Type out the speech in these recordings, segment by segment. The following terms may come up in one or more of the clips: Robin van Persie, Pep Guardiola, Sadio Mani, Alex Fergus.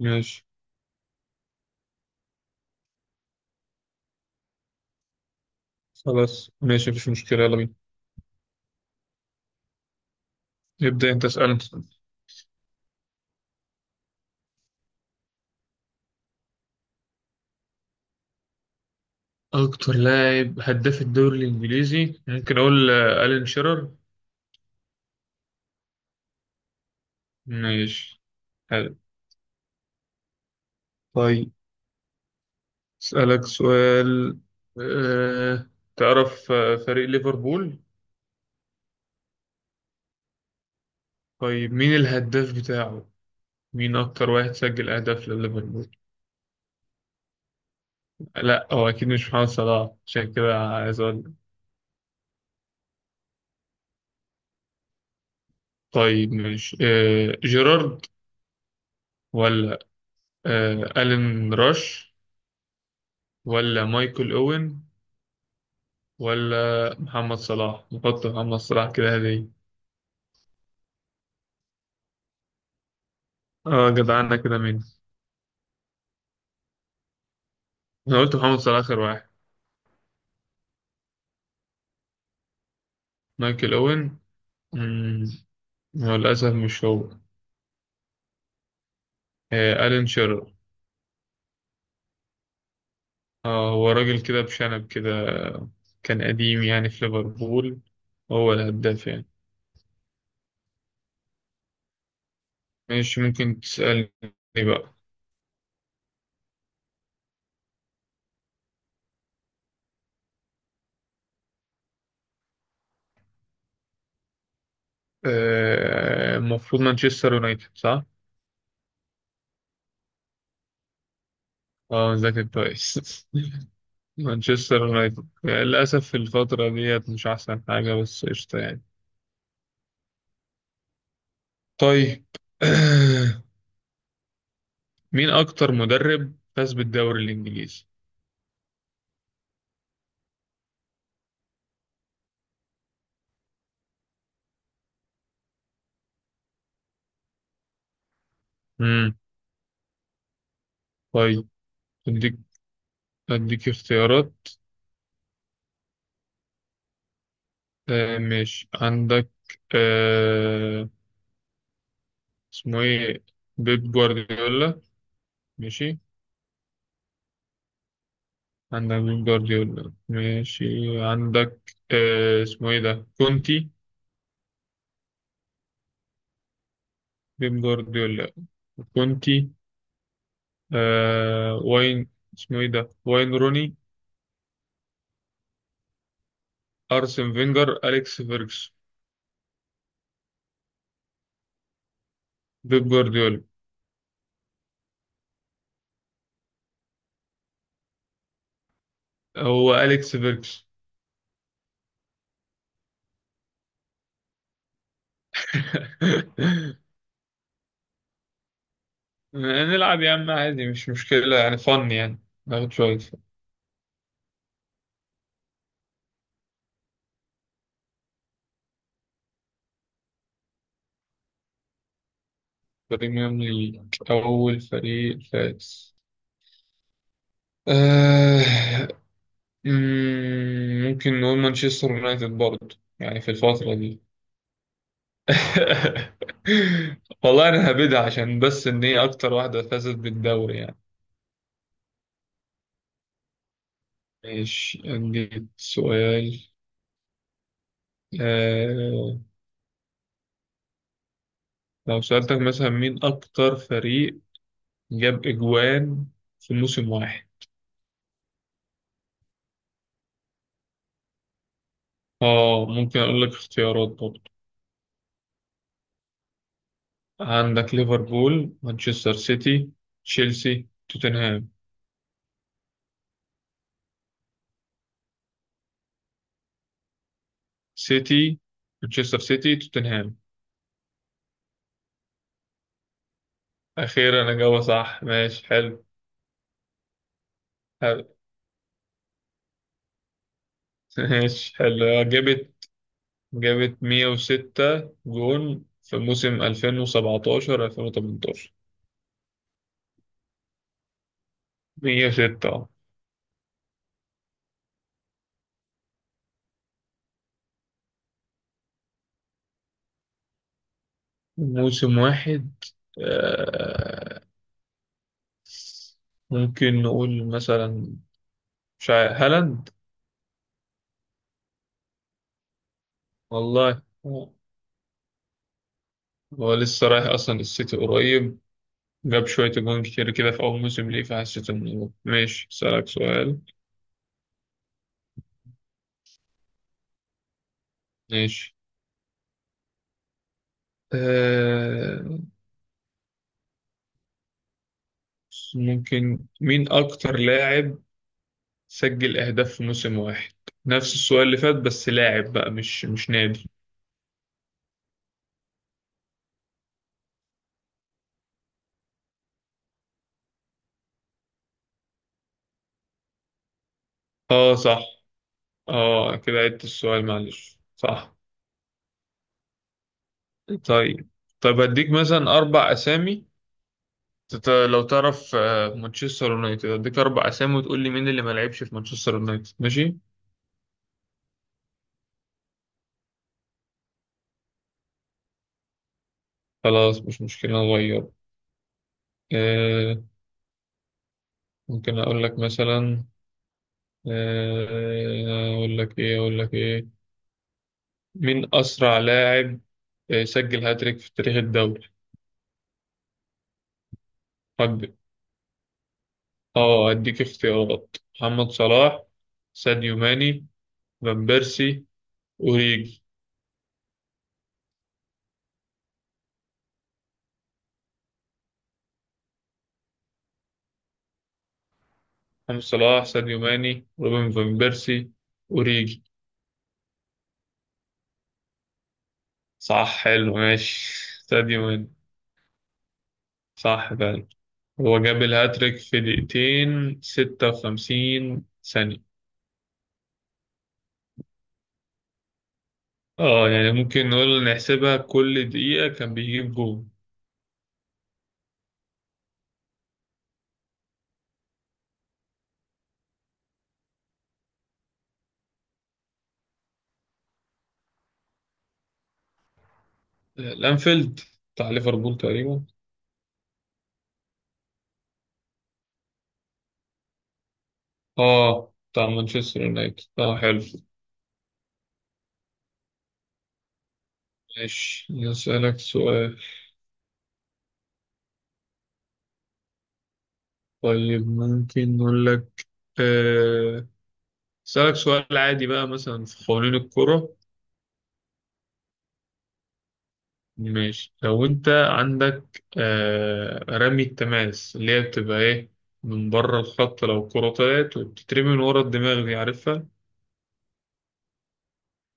ماشي. خلاص ماشي، مفيش مشكلة، يلا بينا. ابدأ أنت اسألني. أكتر لاعب هداف الدوري الإنجليزي ممكن أقول ألين شيرر. ماشي. حلو. طيب أسألك سؤال. أه... تعرف فريق ليفربول؟ طيب مين الهداف بتاعه؟ مين أكتر واحد سجل أهداف لليفربول؟ لا، هو أكيد مش محمد صلاح، عشان كده عايز أقول. طيب ماشي، جيرارد، ولا ألين راش، ولا مايكل أوين، ولا محمد صلاح. نحط محمد صلاح كده هدية. اه، جدعنا كده. مين؟ انا قلت محمد صلاح اخر واحد. مايكل اوين. مم، هو للاسف مش هو. آه، الين شيرر. اه، هو راجل كده بشنب كده، كان قديم يعني في ليفربول، هو الهداف يعني. ماشي، ممكن تسألني بقى. آه، المفروض مانشستر يونايتد، صح؟ اه، ذاكر كويس. مانشستر يونايتد للأسف في الفترة ديت مش أحسن حاجة، بس قشطة يعني. طيب. مين أكتر مدرب فاز بالدوري الإنجليزي؟ مم. طيب، أديك أديك اختيارات. آه ماشي، عندك آه اسمه إيه، بيب جوارديولا، ماشي. عندك بيب جوارديولا ماشي. عندك اسمه إيه ده، كونتي. بيب جوارديولا، كونتي، واين اسمه إيه ده، واين روني، أرسن فينجر، أليكس فيركس. بيب جوارديولا. هو أليكس فيركس. نلعب يا عم عادي، مش مشكلة يعني، فن يعني. ناخد شوية. بريميوم ليج. أول فريق فاز، آه، ممكن نقول مانشستر يونايتد برضه يعني في الفترة دي. والله أنا هبدها عشان بس إن هي أكتر واحدة فازت بالدوري يعني. ماشي، أديك سؤال. آه، لو سألتك مثلا مين أكتر فريق جاب إجوان في موسم واحد. اه، ممكن اقول لك اختيارات برضه. عندك ليفربول، مانشستر سيتي، تشيلسي، توتنهام، سيتي، مانشستر سيتي، توتنهام. اخيرا اجابة صح، ماشي حلو. حلو. ماشي حلو، جابت 106 جون في موسم 2017 2018. 106. موسم واحد، آه، ممكن نقول مثلا، مش عارف، هالاند. والله، هو لسه رايح أصلا السيتي قريب، جاب شوية جون كتير كده في أول موسم ليه، فحسيت إنه ماشي. أسألك سؤال. ماشي. آه، ممكن مين أكتر لاعب سجل أهداف في موسم واحد؟ نفس السؤال اللي فات، بس لاعب بقى مش نادي. اه صح. اه كده عدت السؤال، معلش. صح. طيب. طيب هديك مثلا أربع أسامي. لو تعرف مانشستر يونايتد، هديك أربع أسامي وتقول لي مين اللي ما لعبش في مانشستر يونايتد، ماشي؟ خلاص، مش مشكلة، نغير. آه، ممكن أقول لك مثلا، أقول لك إيه؟ مين أسرع لاعب سجل هاتريك في تاريخ الدوري؟ حد. أه أديك اختيارات: محمد صلاح، ساديو ماني، فان بيرسي، أوريجي. محمد صلاح، ساديو ماني، روبن فان بيرسي، أوريجي. صح، حلو ماشي. ساديو ماني صح فعلا. هو جاب الهاتريك في دقيقتين ستة وخمسين ثانية. اه يعني ممكن نقول نحسبها كل دقيقة كان بيجيب جول. الانفيلد، بتاع ليفربول تقريبا. اه بتاع مانشستر يونايتد، اه حلو. ماشي، اسألك سؤال. طيب ممكن نقول لك، آه، اسألك سؤال عادي بقى مثلا في قوانين الكرة. ماشي، لو انت عندك رمي التماس، اللي هي بتبقى ايه، من بره الخط لو الكرة طلعت وبتترمي من ورا الدماغ، دي عارفها؟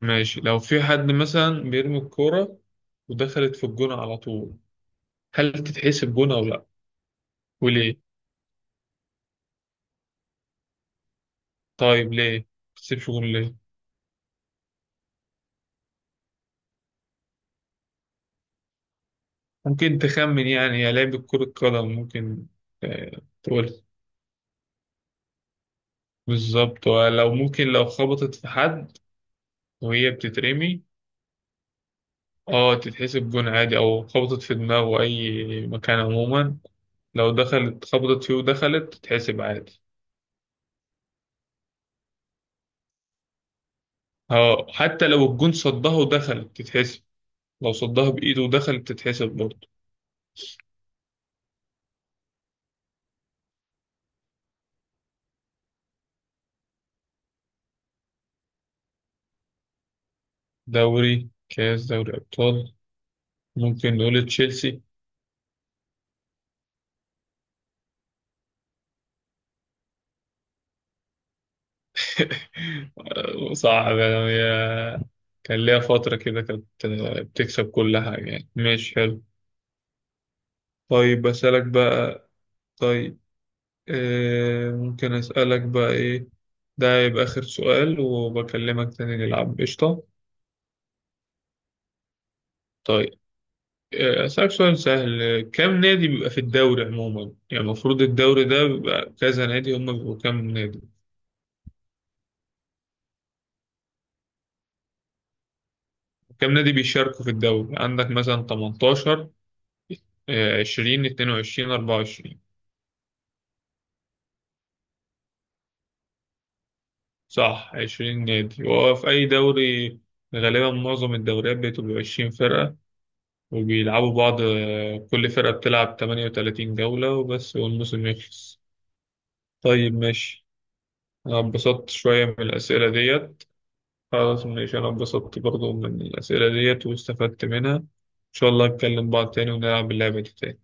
ماشي، لو في حد مثلا بيرمي الكورة ودخلت في الجون على طول، هل تتحسب جون أو لأ؟ وليه؟ طيب ليه ما تتحسبش جون ليه؟ ممكن تخمن يعني، يا لعيبة كرة قدم، ممكن تقول. بالظبط، لو ممكن لو خبطت في حد وهي بتترمي، اه تتحسب جون عادي، أو خبطت في دماغه، أي مكان عموما لو دخلت خبطت فيه ودخلت تتحسب عادي. اه حتى لو الجون صدها ودخلت تتحسب، لو صدها بإيده ودخلت تتحسب برضه. دوري، كاس، دوري ابطال. ممكن نقول تشيلسي. صعب يعني. هي كان ليها فترة كده كانت بتكسب كل حاجة يعني، ماشي حلو. طيب أسألك بقى. طيب، آه ممكن أسألك بقى إيه؟ ده يبقى آخر سؤال، وبكلمك تاني نلعب قشطة. طيب، أسألك سؤال سهل. كم نادي بيبقى في الدوري عموما يعني؟ المفروض الدوري ده بيبقى كذا نادي، هما بيبقوا كام نادي؟ كم نادي بيشاركوا في الدوري؟ عندك مثلا 18، 20، 22، 24. صح 20 نادي، وهو في أي دوري غالبا معظم الدوريات بتبقى 20 فرقة وبيلعبوا بعض، كل فرقة بتلعب 38 جولة وبس، والموسم يخلص. طيب ماشي. أنا اتبسطت شوية من الأسئلة ديت. خلاص ماشي، أنا اتبسطت برضو من الأسئلة ديت، واستفدت منها. إن شاء الله نتكلم بعض تاني ونلعب اللعبة دي تاني